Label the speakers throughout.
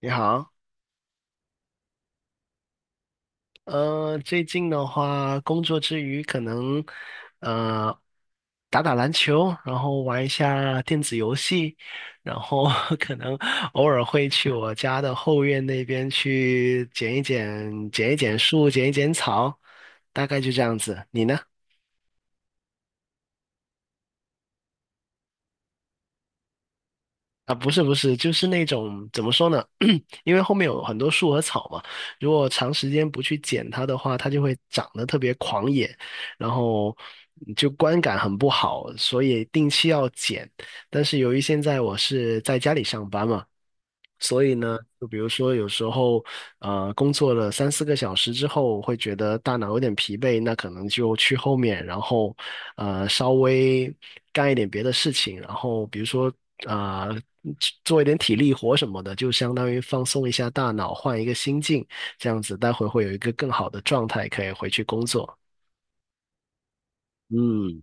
Speaker 1: 你好，最近的话，工作之余可能呃打打篮球，然后玩一下电子游戏，然后 可能偶尔会去我家的后院那边去剪一剪、剪一剪树、剪一剪草，大概就这样子。你呢？啊，不是，就是那种怎么说呢？因为后面有很多树和草嘛，如果长时间不去剪它的话，它就会长得特别狂野，然后就观感很不好，所以定期要剪。但是由于现在我是在家里上班嘛，所以呢，就比如说有时候，工作了三四个小时之后，会觉得大脑有点疲惫，那可能就去后面，然后稍微干一点别的事情，然后比如说呃做一点体力活什么的，就相当于放松一下大脑，换一个心境，这样子待会会有一个更好的状态，可以回去工作。嗯。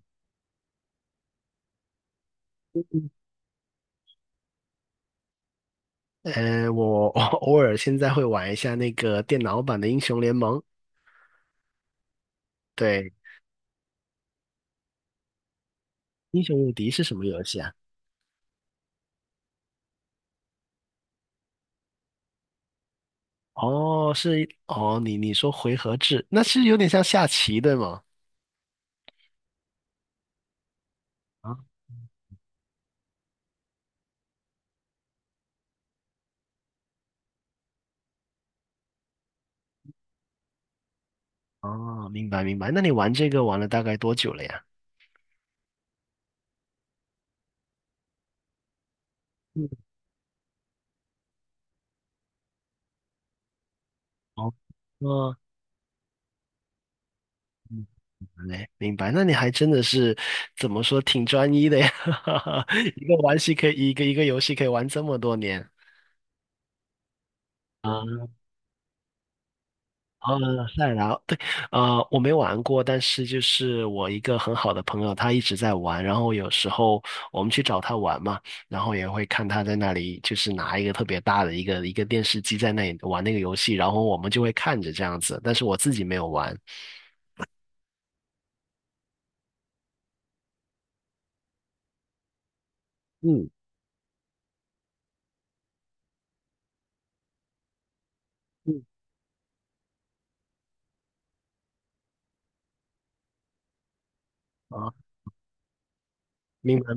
Speaker 1: 呃，我 我偶尔现在会玩一下那个电脑版的英雄联盟。对。英雄无敌是什么游戏啊？哦，是。哦，你说回合制，那是有点像下棋对吗？啊。哦，明白明白。那你玩这个玩了大概多久了呀？嗯。哦。哦。嗯嘞，明白。那你还真的是怎么说，挺专一的呀，一个玩戏可以，一个游戏可以玩这么多年。啊。赛尔达，对。我没玩过，但是就是我一个很好的朋友，他一直在玩，然后有时候我们去找他玩嘛，然后也会看他在那里，就是拿一个特别大的一个电视机在那里玩那个游戏，然后我们就会看着这样子，但是我自己没有玩。嗯嗯，啊，明白。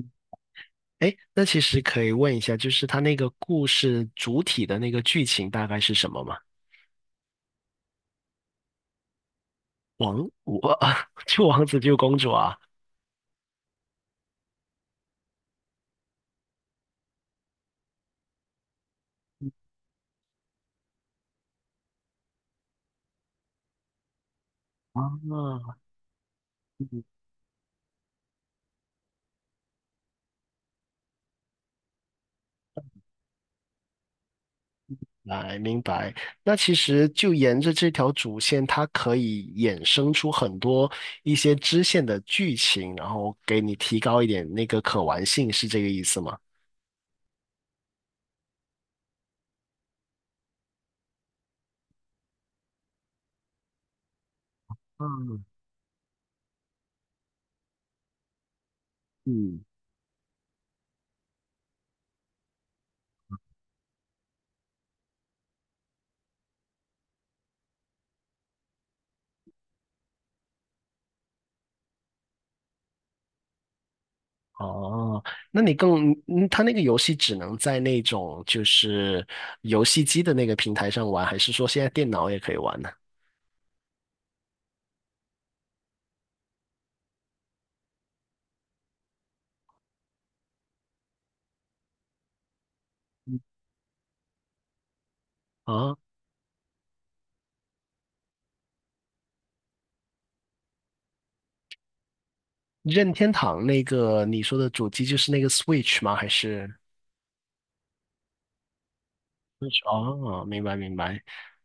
Speaker 1: 哎，那其实可以问一下，就是他那个故事主体的那个剧情大概是什么吗？王，我 救王子救公主啊？啊，来，明白。那其实就沿着这条主线，它可以衍生出很多一些支线的剧情，然后给你提高一点那个可玩性，是这个意思吗？嗯嗯。哦，那你更，嗯，它那个游戏只能在那种就是游戏机的那个平台上玩，还是说现在电脑也可以玩呢？啊，任天堂那个你说的主机就是那个 Switch 吗？还是？哦，明白明白。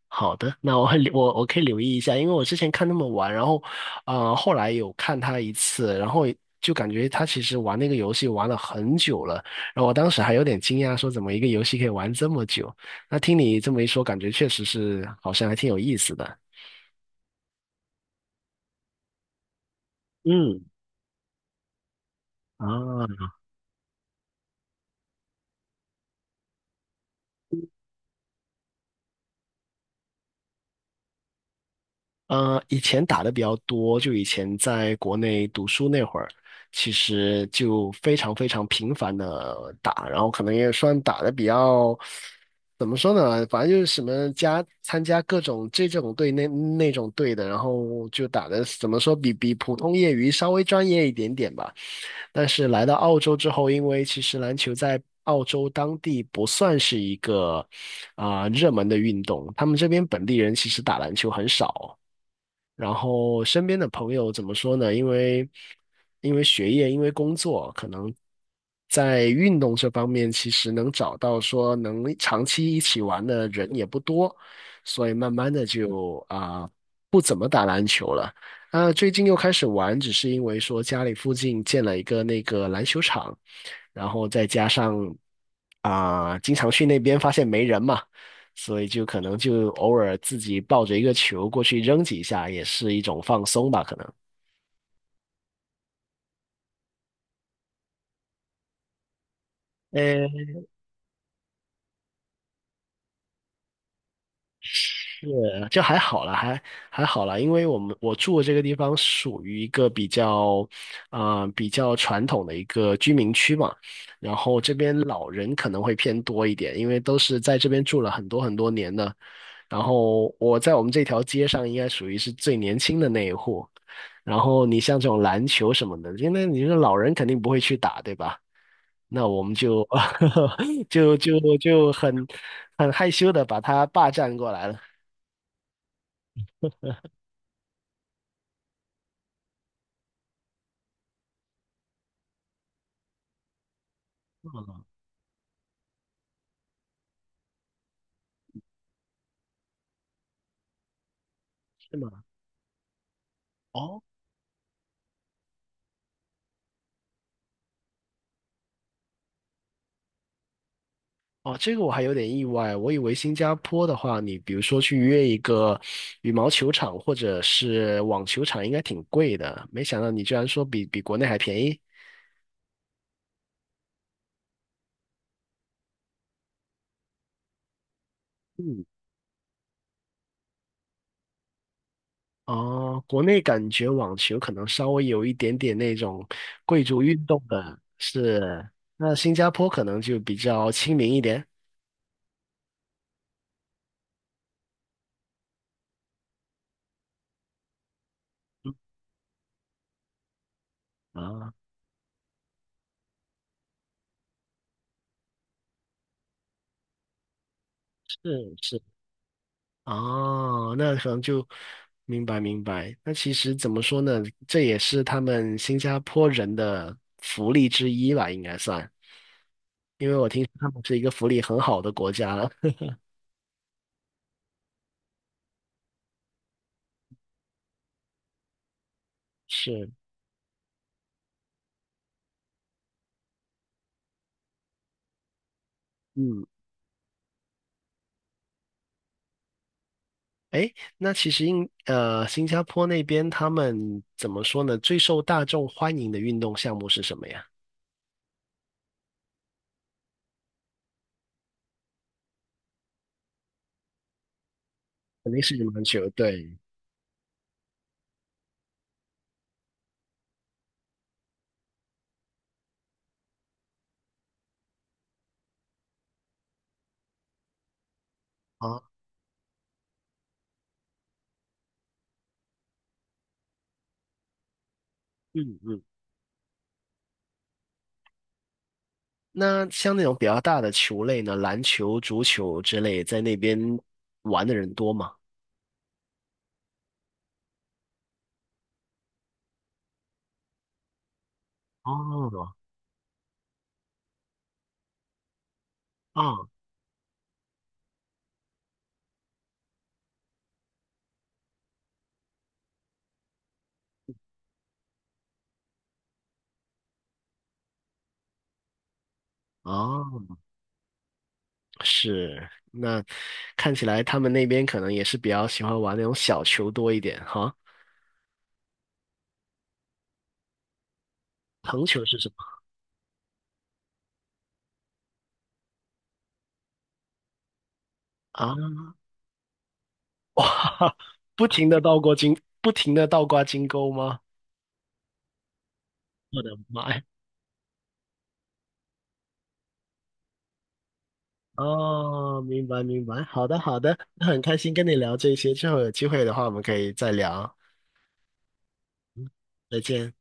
Speaker 1: 好的，那我会留我可以留意一下，因为我之前看他们玩，然后后来有看他一次，然后就感觉他其实玩那个游戏玩了很久了，然后我当时还有点惊讶，说怎么一个游戏可以玩这么久？那听你这么一说，感觉确实是好像还挺有意思的。嗯，啊。以前打的比较多，就以前在国内读书那会儿，其实就非常非常频繁的打，然后可能也算打的比较，怎么说呢？反正就是什么参加各种这种队那种队的，然后就打的怎么说比普通业余稍微专业一点点吧。但是来到澳洲之后，因为其实篮球在澳洲当地不算是一个啊、热门的运动，他们这边本地人其实打篮球很少。然后身边的朋友怎么说呢？因为学业，因为工作，可能在运动这方面，其实能找到说能长期一起玩的人也不多，所以慢慢的就啊，最近又开始玩，只是因为说家里附近建了一个那个篮球场，然后再加上啊，经常去那边发现没人嘛。所以就可能就偶尔自己抱着一个球过去扔几下，也是一种放松吧，可能。呃，就还好啦，还好啦，因为我住的这个地方属于一个比较，啊、比较传统的一个居民区嘛，然后这边老人可能会偏多一点，因为都是在这边住了很多很多年的，然后我在我们这条街上应该属于是最年轻的那一户，然后你像这种篮球什么的，因为你说老人肯定不会去打，对吧？那我们就 就很很害羞的把他霸占过来了。是吗？哦。哦，这个我还有点意外，我以为新加坡的话，你比如说去约一个羽毛球场或者是网球场，应该挺贵的，没想到你居然说比国内还便宜。嗯，哦，国内感觉网球可能稍微有一点点那种贵族运动的，是，那新加坡可能就比较亲民一点。嗯，啊，是是，哦，那可能就明白明白。那其实怎么说呢？这也是他们新加坡人的福利之一吧，应该算。因为我听说他们是一个福利很好的国家了。是，嗯，哎，那其实新加坡那边他们怎么说呢？最受大众欢迎的运动项目是什么呀？肯定是羽毛球，对。啊，嗯嗯。那像那种比较大的球类呢，篮球、足球之类，在那边玩的人多吗？哦，啊，哦，是，那看起来他们那边可能也是比较喜欢玩那种小球多一点哈。藤球是什么啊？哇，不停的倒挂金钩吗？我的妈呀！哦，明白明白，好的好的，那很开心跟你聊这些，之后有机会的话我们可以再聊，再见。